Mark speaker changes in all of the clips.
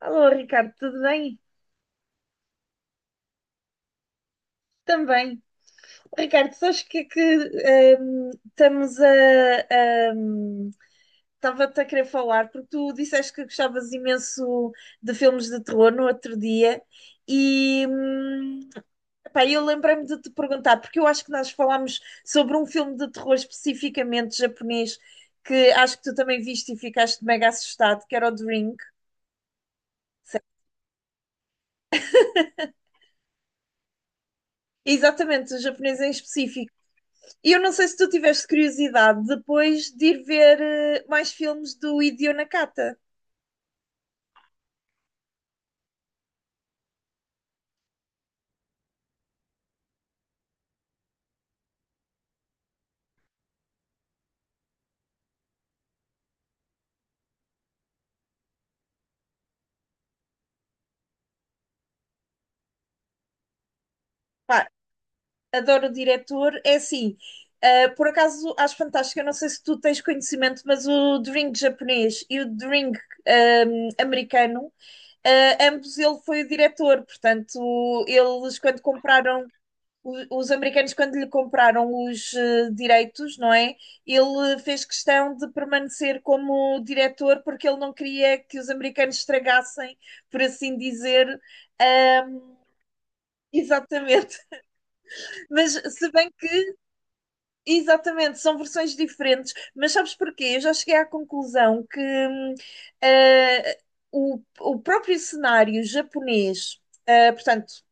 Speaker 1: Alô, Ricardo, tudo bem? Também. Ricardo, sabes o que é que estamos a. ehm, Estava-te a querer falar, porque tu disseste que gostavas imenso de filmes de terror no outro dia, e epá, eu lembrei-me de te perguntar, porque eu acho que nós falámos sobre um filme de terror especificamente japonês, que acho que tu também viste e ficaste mega assustado, que era o Drink. Exatamente, o japonês em específico. E eu não sei se tu tiveste curiosidade depois de ir ver mais filmes do Hideo Nakata. Pá, adoro o diretor. É assim, por acaso acho fantástico. Eu não sei se tu tens conhecimento, mas o Drink japonês e o Drink americano, ambos ele foi o diretor. Portanto, eles quando compraram Os americanos, quando lhe compraram os direitos, não é? Ele fez questão de permanecer como diretor porque ele não queria que os americanos estragassem, por assim dizer. ahm, Exatamente. Mas se bem que, exatamente, são versões diferentes. Mas sabes porquê? Eu já cheguei à conclusão que ah, o próprio cenário japonês, portanto,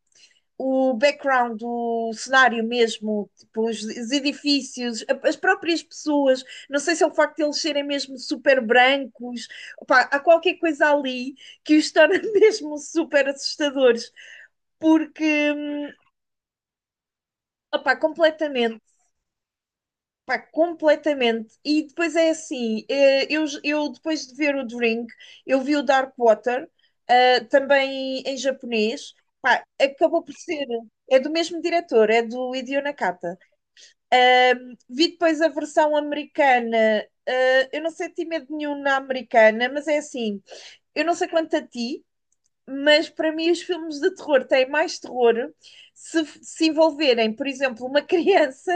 Speaker 1: o background, o cenário mesmo, tipo, os edifícios, as próprias pessoas, não sei se é o facto de eles serem mesmo super brancos, opá, há qualquer coisa ali que os torna mesmo super assustadores, porque, hum, opá, completamente. Pá, completamente. E depois é assim, eu depois de ver o Drink, eu vi o Dark Water, também em japonês. Pá, acabou por ser, é do mesmo diretor, é do Hideo Nakata. Um, vi depois a versão americana. Eu não senti medo nenhum na americana, mas é assim, eu não sei quanto a ti, mas para mim os filmes de terror têm mais terror se envolverem, por exemplo, uma criança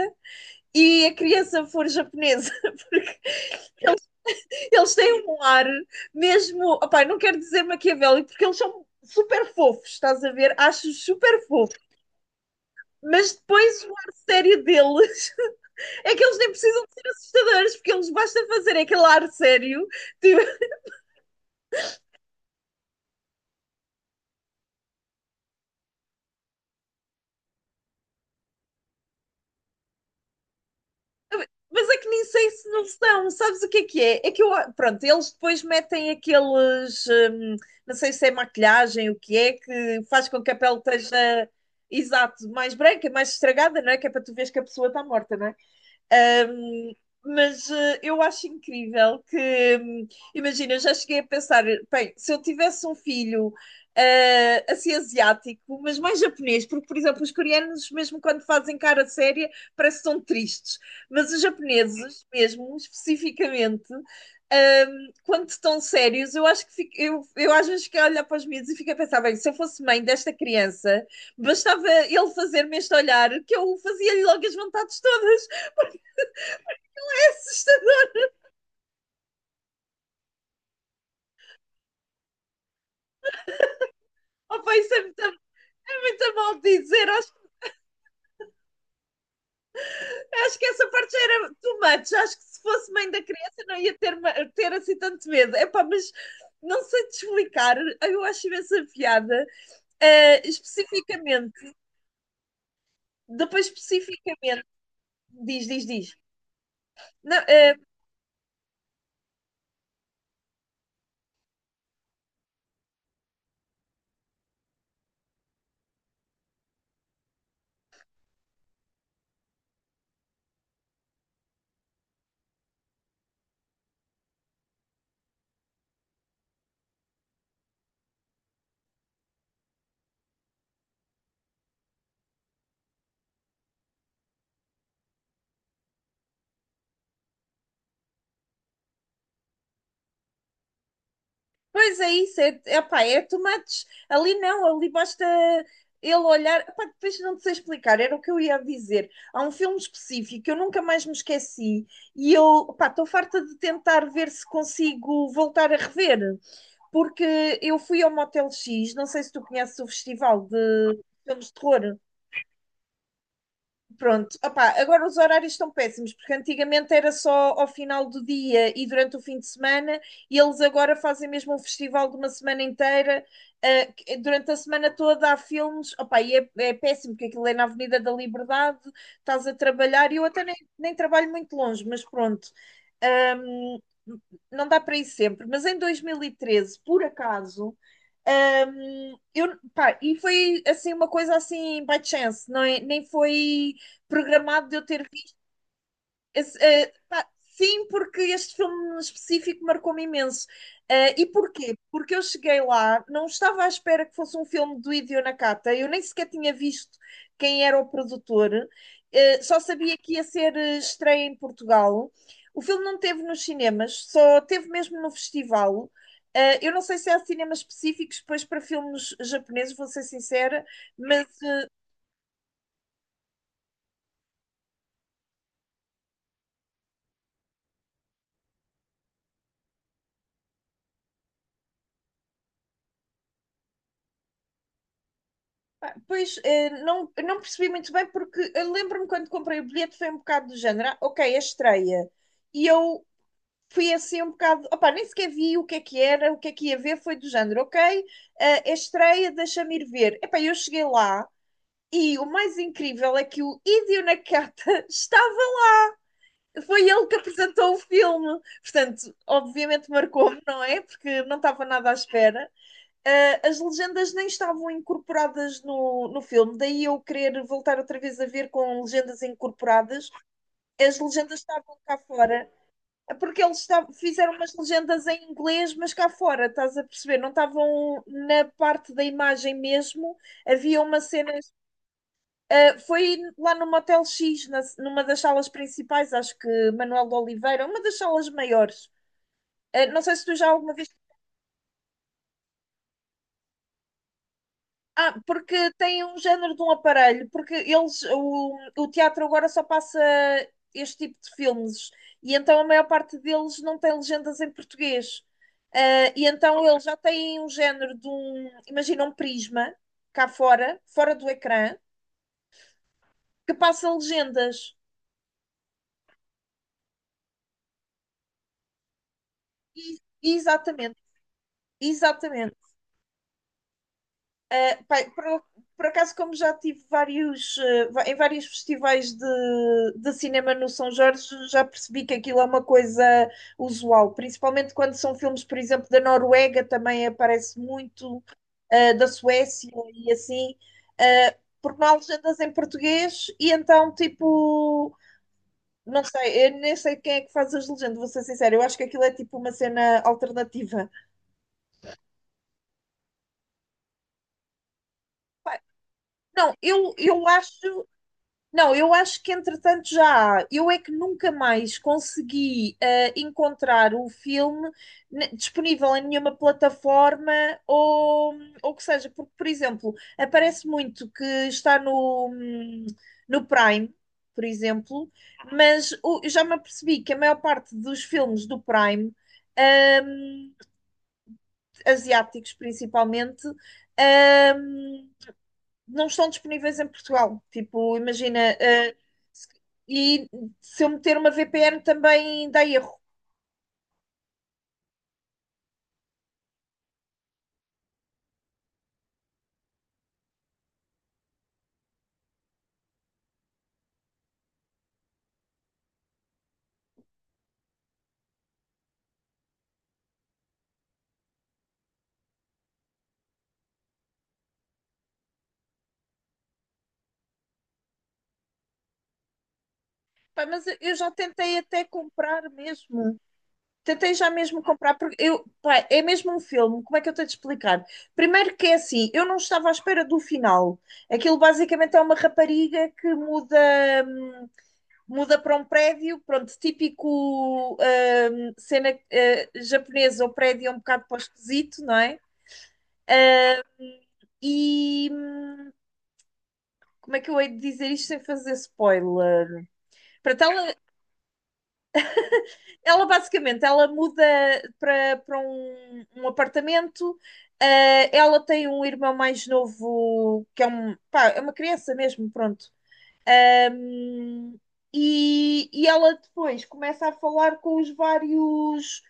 Speaker 1: e a criança for japonesa, porque eles têm um ar mesmo, opá, não quero dizer maquiavélico, porque eles são super fofos, estás a ver? Acho super fofo, mas depois o ar sério deles. É que eles nem precisam de ser assustadores, porque eles basta fazer aquele ar sério, tipo, mas é que nem sei se não são, sabes o que é que é? É que eu, pronto, eles depois metem aqueles, não sei se é maquilhagem, o que é, que faz com que a pele esteja, exato, mais branca, mais estragada, não é? Que é para tu veres que a pessoa está morta, não é? Um, mas eu acho incrível que, hum, imagina, eu já cheguei a pensar, bem, se eu tivesse um filho assim asiático, mas mais japonês, porque, por exemplo, os coreanos, mesmo quando fazem cara séria, parece que são tristes, mas os japoneses, mesmo, especificamente, quando estão sérios, eu acho que eu às vezes fico a olhar para os miúdos e fico a pensar, bem, se eu fosse mãe desta criança, bastava ele fazer-me este olhar que eu fazia-lhe logo as vontades todas. Assustador. Oh, pá, isso é muito mal dizer. Acho, acho que essa parte já era too much. Acho que se fosse mãe da criança não ia ter assim tanto medo. É pá, mas não sei te explicar, eu acho imensa piada. Especificamente, depois especificamente, diz, diz, diz. Não, pois é isso, é, epá, é tomates. Ali não, ali basta ele olhar. Epá, depois não te sei explicar, era o que eu ia dizer. Há um filme específico que eu nunca mais me esqueci e eu, epá, estou farta de tentar ver se consigo voltar a rever, porque eu fui ao Motel X, não sei se tu conheces o festival de filmes de terror. Pronto, opá, agora os horários estão péssimos, porque antigamente era só ao final do dia e durante o fim de semana, e eles agora fazem mesmo um festival de uma semana inteira, durante a semana toda há filmes, opá, e é, é péssimo, porque aquilo é na Avenida da Liberdade, estás a trabalhar, e eu até nem, nem trabalho muito longe, mas pronto, Ahm, não dá para ir sempre, mas em 2013, por acaso. Pá, e foi assim uma coisa assim by chance, não é? Nem foi programado de eu ter visto. Esse, pá, sim, porque este filme específico marcou-me imenso. Eh, e porquê? Porque eu cheguei lá, não estava à espera que fosse um filme do Hideo Nakata, eu nem sequer tinha visto quem era o produtor, só sabia que ia ser estreia em Portugal. O filme não teve nos cinemas, só teve mesmo no festival. Eh, eu não sei se há cinemas específicos, pois para filmes japoneses, vou ser sincera, mas pá, pois, não, eu não percebi muito bem, porque eu lembro-me quando comprei o bilhete foi um bocado do género, ah, ok, é estreia. E eu fui assim um bocado, opá, nem sequer vi o que é que era, o que é que ia ver, foi do género, ok, é estreia, deixa-me ir ver. Epá, eu cheguei lá e o mais incrível é que o Hideo Nakata estava, foi ele que apresentou o filme. Portanto, obviamente marcou-me, não é? Porque não estava nada à espera. As legendas nem estavam incorporadas no filme, daí eu querer voltar outra vez a ver com legendas incorporadas. As legendas estavam cá fora, é porque eles fizeram umas legendas em inglês, mas cá fora, estás a perceber? Não estavam na parte da imagem mesmo. Havia uma cena, foi lá no Motel X, numa das salas principais, acho que Manuel de Oliveira, uma das salas maiores. Ah, não sei se tu já alguma vez. Porque tem um género de um aparelho, porque eles, o teatro agora só passa este tipo de filmes, e então a maior parte deles não tem legendas em português. Ah, e então eles já têm um género de um, imagina um prisma cá fora, fora do ecrã, que passa legendas. Exatamente, exatamente. Pá, por acaso, como já tive vários, em vários festivais de cinema no São Jorge, já percebi que aquilo é uma coisa usual, principalmente quando são filmes, por exemplo, da Noruega, também aparece muito, da Suécia e assim, porque não há legendas em português e então, tipo, não sei, eu nem sei quem é que faz as legendas, vou ser sincera, eu acho que aquilo é tipo uma cena alternativa. Pá, não, eu acho, não, eu acho que entretanto já há. Eu é que nunca mais consegui encontrar o filme disponível em nenhuma plataforma ou, ou que seja, porque, por exemplo, aparece muito que está no Prime, por exemplo, mas eu já me apercebi que a maior parte dos filmes do Prime, hum, asiáticos principalmente, hum, não estão disponíveis em Portugal. Tipo, imagina, se- e se eu meter uma VPN também dá erro. Pá, mas eu já tentei até comprar mesmo. Tentei já mesmo comprar, porque eu, pá, é mesmo um filme, como é que eu tenho de explicar? Primeiro que é assim, eu não estava à espera do final. Aquilo basicamente é uma rapariga que muda, hum, muda para um prédio, pronto, típico cena japonesa, o prédio é um bocado para o esquisito, não é? E como é que eu hei de dizer isto sem fazer spoiler? Para ela, ela basicamente ela muda para, para um, um apartamento. Eh, ela tem um irmão mais novo que é um pá, é uma criança mesmo, pronto. Ahm, e ela depois começa a falar com os vários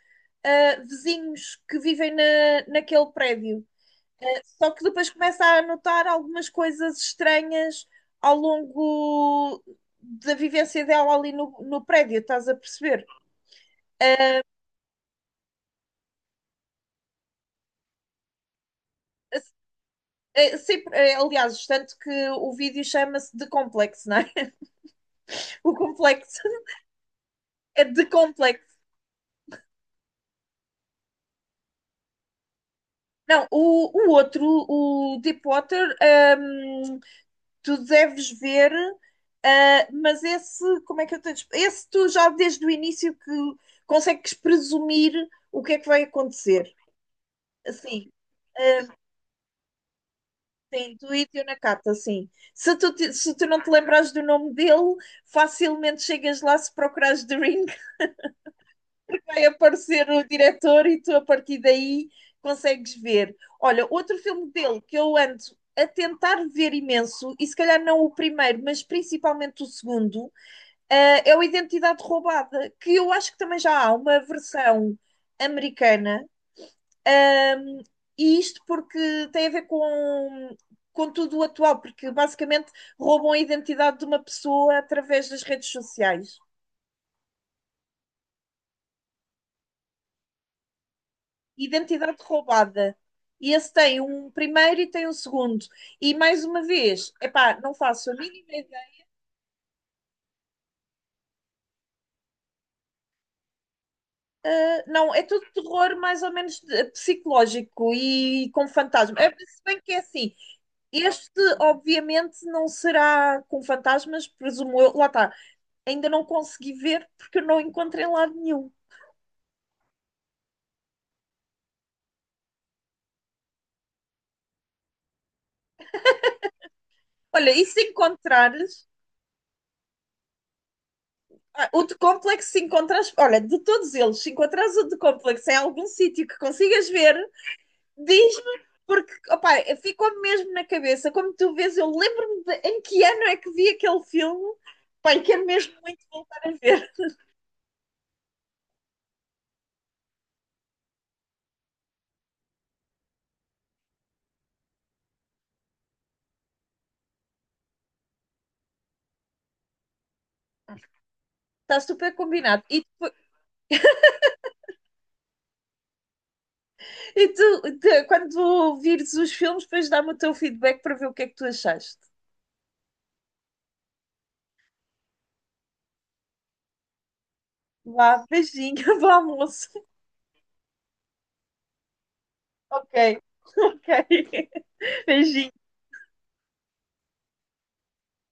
Speaker 1: vizinhos que vivem naquele prédio. Só que depois começa a notar algumas coisas estranhas ao longo da vivência dela ali no prédio, estás a perceber? É, sempre, é, aliás, tanto que o vídeo chama-se The Complex, não é? O complexo é The Complex. Não, o outro, o Deepwater, hum, tu deves ver, mas esse, como é que eu tenho. Esse tu já desde o início que consegues presumir o que é que vai acontecer. Assim, uh, sim, tu e teu Nakata, sim. Se tu não te lembrares do nome dele, facilmente chegas lá se procurares The Ring. Vai aparecer o diretor e tu a partir daí consegues ver. Olha, outro filme dele que eu ando a tentar ver imenso, e se calhar não o primeiro, mas principalmente o segundo, é o Identidade Roubada, que eu acho que também já há uma versão americana, ahm, e isto porque tem a ver com tudo o atual, porque basicamente roubam a identidade de uma pessoa através das redes sociais. Identidade roubada. E esse tem um primeiro e tem um segundo. E mais uma vez, epá, não faço a mínima ideia. Ah, não, é tudo terror mais ou menos psicológico e com fantasmas. É, se bem que é assim, este obviamente não será com fantasmas, presumo eu. Lá está, ainda não consegui ver porque eu não encontro em lado nenhum. Olha, e se encontrares, o de complexo, se encontrares, olha, de todos eles, se encontrares o de complexo em algum sítio que consigas ver, diz-me, porque opá, ficou-me mesmo na cabeça. Como tu vês, eu lembro-me de em que ano é que vi aquele filme. Pai, quero mesmo muito voltar a ver. Está super combinado. Quando vires os filmes, depois dá-me o teu feedback para ver o que é que tu achaste. Vá, beijinho, bom almoço. Ok, ok. Beijinho.